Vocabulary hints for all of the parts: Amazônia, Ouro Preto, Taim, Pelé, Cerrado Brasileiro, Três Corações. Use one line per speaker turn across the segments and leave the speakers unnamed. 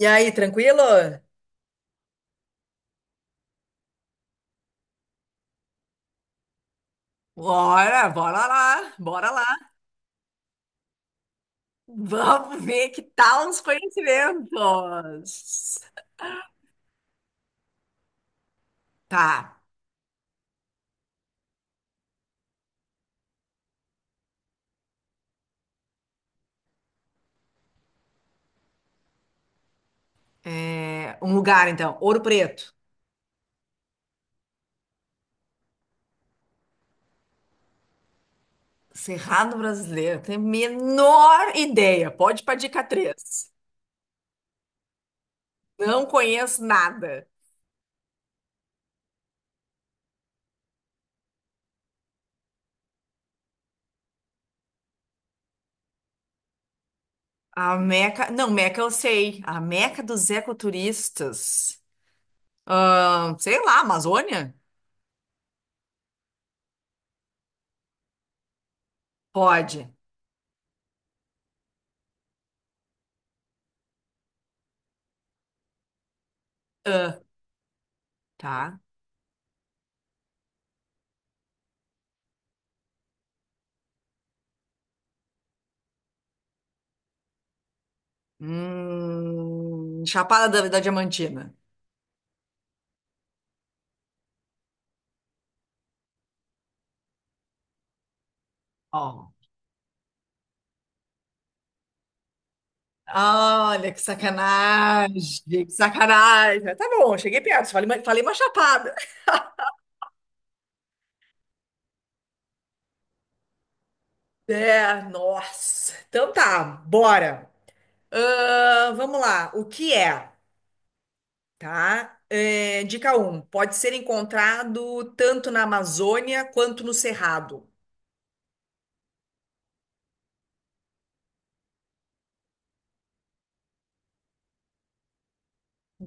E aí, tranquilo? Bora, bora lá, bora lá. Vamos ver que tal os conhecimentos. Tá, é, um lugar então, Ouro Preto, Cerrado Brasileiro, tenho a menor ideia. Pode ir para dica 3. Não conheço nada. A Meca, não, Meca eu sei. A Meca dos ecoturistas. Sei lá, Amazônia? Pode. Ah, tá. Chapada da Diamantina. Ó, olha, que sacanagem, que sacanagem. Tá bom, cheguei perto, falei, falei uma chapada. É, nossa. Então tá, bora. Vamos lá, o que é, tá? É, dica um. Pode ser encontrado tanto na Amazônia quanto no Cerrado.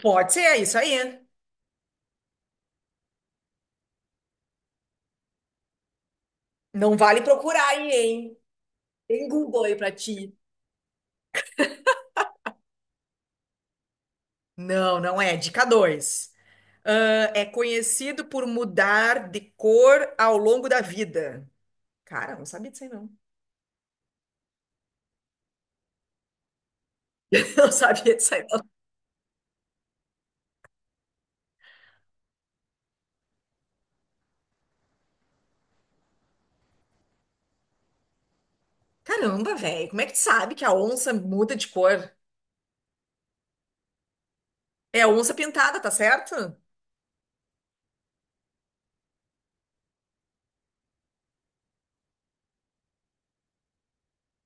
Pode ser, é isso aí. Não vale procurar aí, hein? Tem Google aí pra ti. Não, não é. Dica 2. É conhecido por mudar de cor ao longo da vida. Cara, não sabia disso aí, não. Não sabia disso aí, não. Caramba, velho, como é que tu sabe que a onça muda de cor? É a onça pintada, tá certo?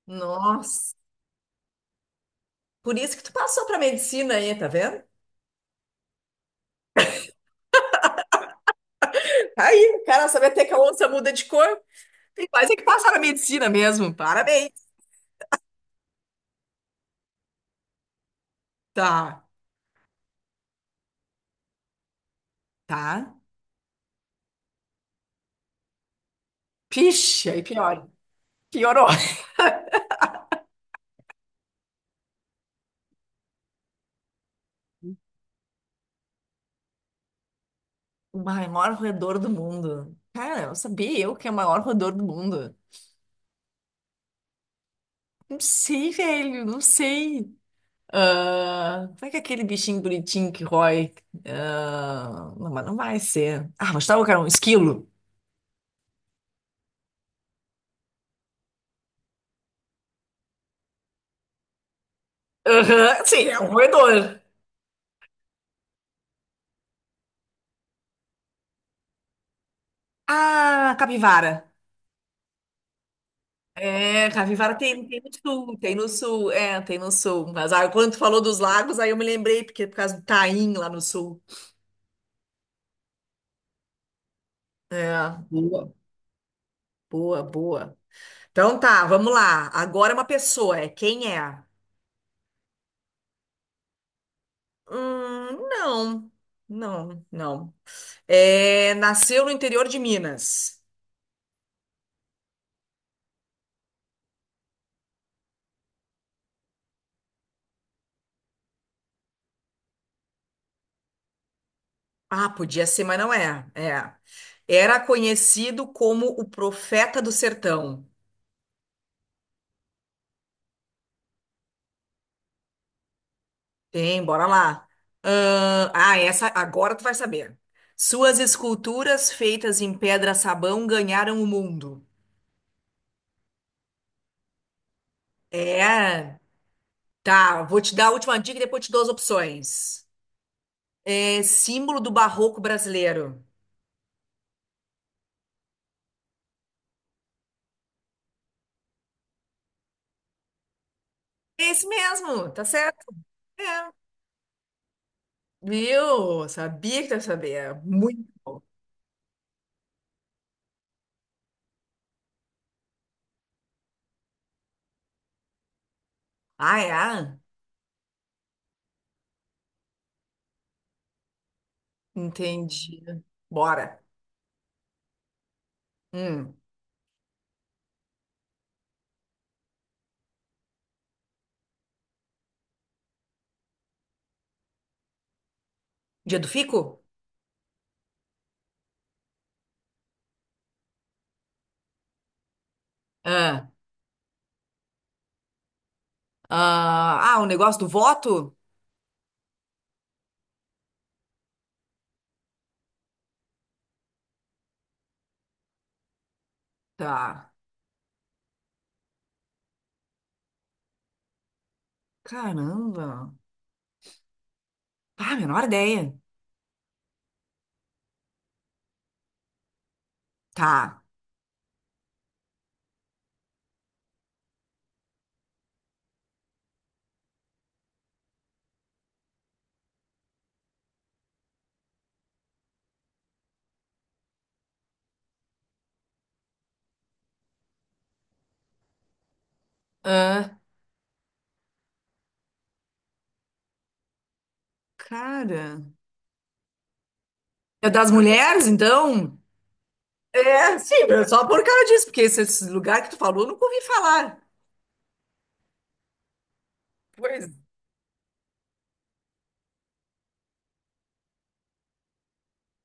Nossa, por isso que tu passou pra medicina aí, tá vendo? Aí, o cara sabe até que a onça muda de cor. Tem quase que passar na medicina mesmo, parabéns. Tá, tá. Pixe, aí pior. Piorou. O maior roedor do mundo. Cara, eu sabia eu que é o maior roedor do mundo. Não sei, velho, não sei. Ah, como é que é aquele bichinho bonitinho que rói? Ah, não, mas não vai ser. Ah, mas tava, cara, um esquilo. Aham, sim, é um roedor. Ah, capivara. É, capivara tem no sul, tem no sul, é, tem no sul. Mas quando tu falou dos lagos, aí eu me lembrei, porque é por causa do Taim lá no sul. É, boa, boa, boa. Então tá, vamos lá. Agora é uma pessoa, é quem é? Não, não, não. É, nasceu no interior de Minas. Ah, podia ser, mas não é. É. Era conhecido como o profeta do sertão. Tem, bora lá. Essa agora tu vai saber. Suas esculturas feitas em pedra sabão ganharam o mundo. É, tá. Vou te dar a última dica e depois te dou as opções. É símbolo do barroco brasileiro. É esse mesmo, tá certo? É. Viu? Sabia que tu ia saber. É muito. Ah, é? Entendi. Bora. Hum. Dia do fico? Ah, ah, o negócio do voto? Tá. Caramba. Ah, menor ideia. Tá. Ah, cara. É das mulheres, então? É, sim, só por causa disso, porque esse lugar que tu falou, eu nunca ouvi falar. Pois,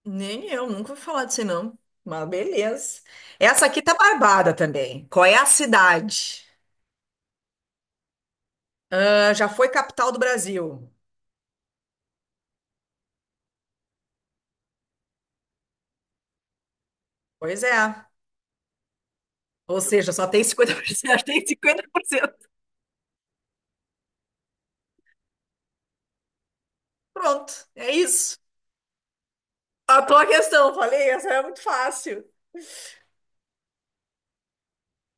nem eu, nunca ouvi falar disso, não. Mas beleza. Essa aqui tá barbada também. Qual é a cidade? Ah, já foi capital do Brasil. Pois é. Ou seja, só tem 50%. Tem cinquenta por cento. Pronto, é isso. A tua questão, falei, essa é muito fácil.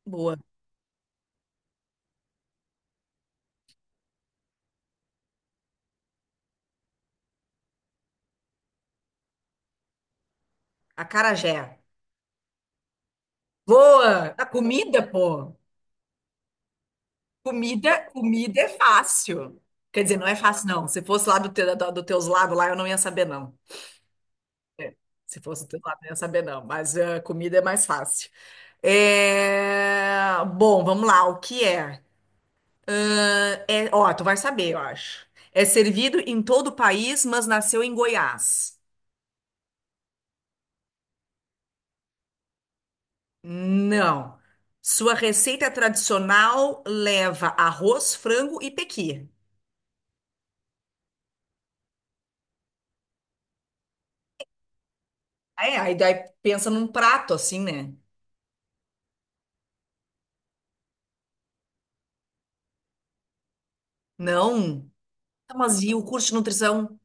Boa. Acarajé. Boa. A comida, pô. Comida, comida é fácil. Quer dizer, não é fácil, não. Se fosse lá do teus lados lá, eu não ia saber, não. Se fosse do lado, não ia saber, não. Mas comida é mais fácil. É, bom, vamos lá. O que é? Ah, ó, tu vai saber, eu acho. É servido em todo o país, mas nasceu em Goiás. Não. Sua receita tradicional leva arroz, frango e pequi. É, aí daí pensa num prato assim, né? Não. Mas e o curso de nutrição?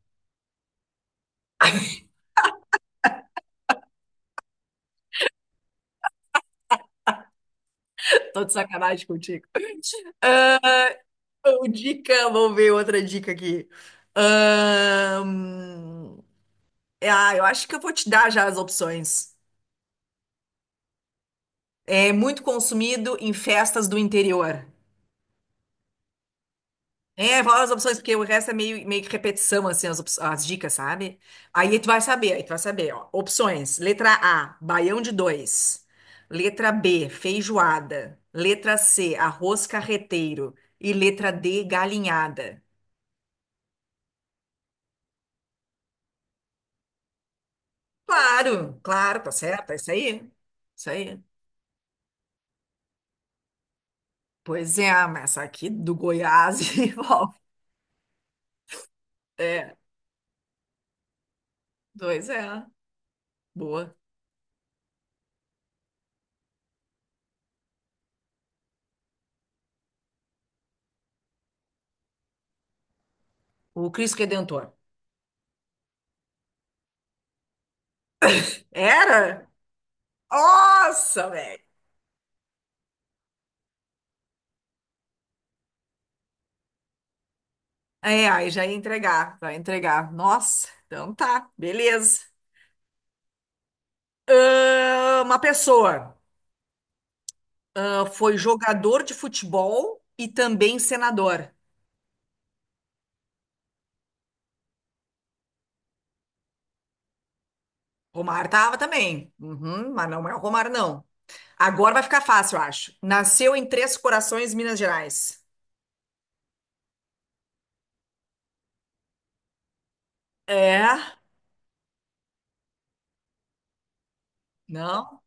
Tô de sacanagem contigo. Ah, ô, vamos ver outra dica aqui. Ahn, Ah, eu acho que eu vou te dar já as opções. É muito consumido em festas do interior. É, fala as opções, porque o resto é meio que repetição, assim, as dicas, sabe? Aí tu vai saber, aí tu vai saber, ó. Opções. Letra A, baião de dois. Letra B, feijoada. Letra C, arroz carreteiro. E letra D, galinhada. Claro, claro, tá certo, é isso aí. Isso aí. Pois é, mas essa aqui do Goiás envolve. É, dois é. Boa. O Cristo Redentor. Era? Nossa, velho. É, aí já ia entregar, vai entregar. Nossa, então tá, beleza. Ah, uma pessoa foi jogador de futebol e também senador. Romar tava também, uhum, mas não é o Romar, não. Agora vai ficar fácil, eu acho. Nasceu em Três Corações, Minas Gerais. É? Não?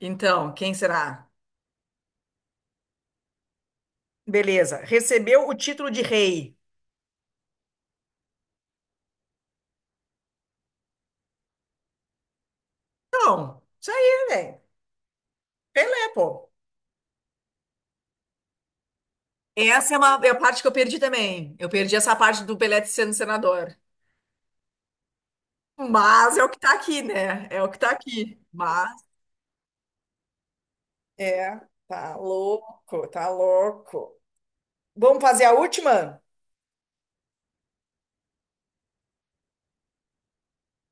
Então, quem será? Beleza. Recebeu o título de rei. Então, isso aí, velho. Pelé, pô. Essa é a parte que eu perdi também. Eu perdi essa parte do Pelé sendo senador. Mas é o que tá aqui, né? É o que tá aqui. Mas, é, tá louco, tá louco. Vamos fazer a última?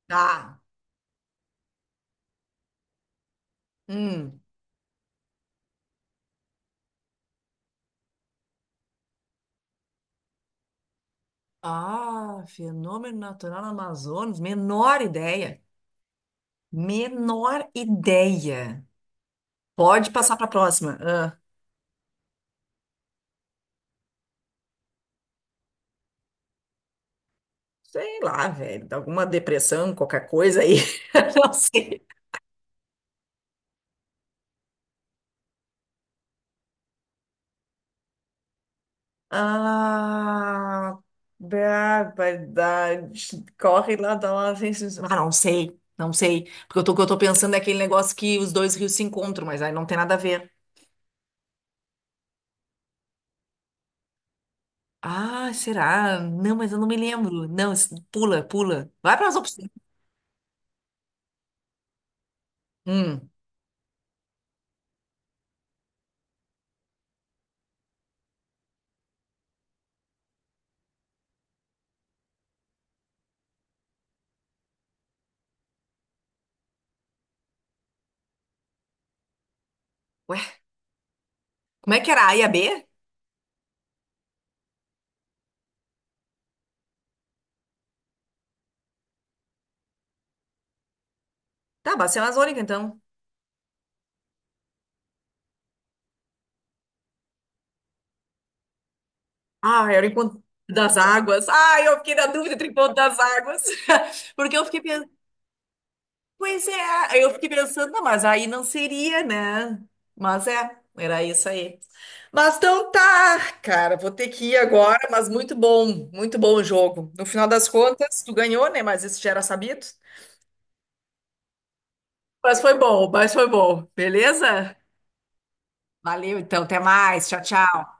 Tá. Hum. Ah, fenômeno natural no Amazonas. Menor ideia. Menor ideia. Pode passar para a próxima. Ah. Sei lá, velho, alguma depressão, qualquer coisa aí. Não sei. Ah, barbaridade. Corre lá da lá. Vem se- Ah, não sei, não sei. Porque o que eu tô pensando é aquele negócio que os dois rios se encontram, mas aí não tem nada a ver. Ah, será? Não, mas eu não me lembro. Não, pula, pula. Vai para as opções. Hum. Ué, como é que era? A e a B? Tá, Bacia Amazônica, então. Ah, era o encontro das águas. Ah, eu fiquei na dúvida entre o encontro das águas. Porque eu fiquei pensando. Pois é, aí eu fiquei pensando, não, mas aí não seria, né? Mas é, era isso aí. Mas então tá, cara, vou ter que ir agora, mas muito bom o jogo. No final das contas, tu ganhou, né? Mas isso já era sabido. Mas foi bom, beleza? Valeu, então, até mais. Tchau, tchau.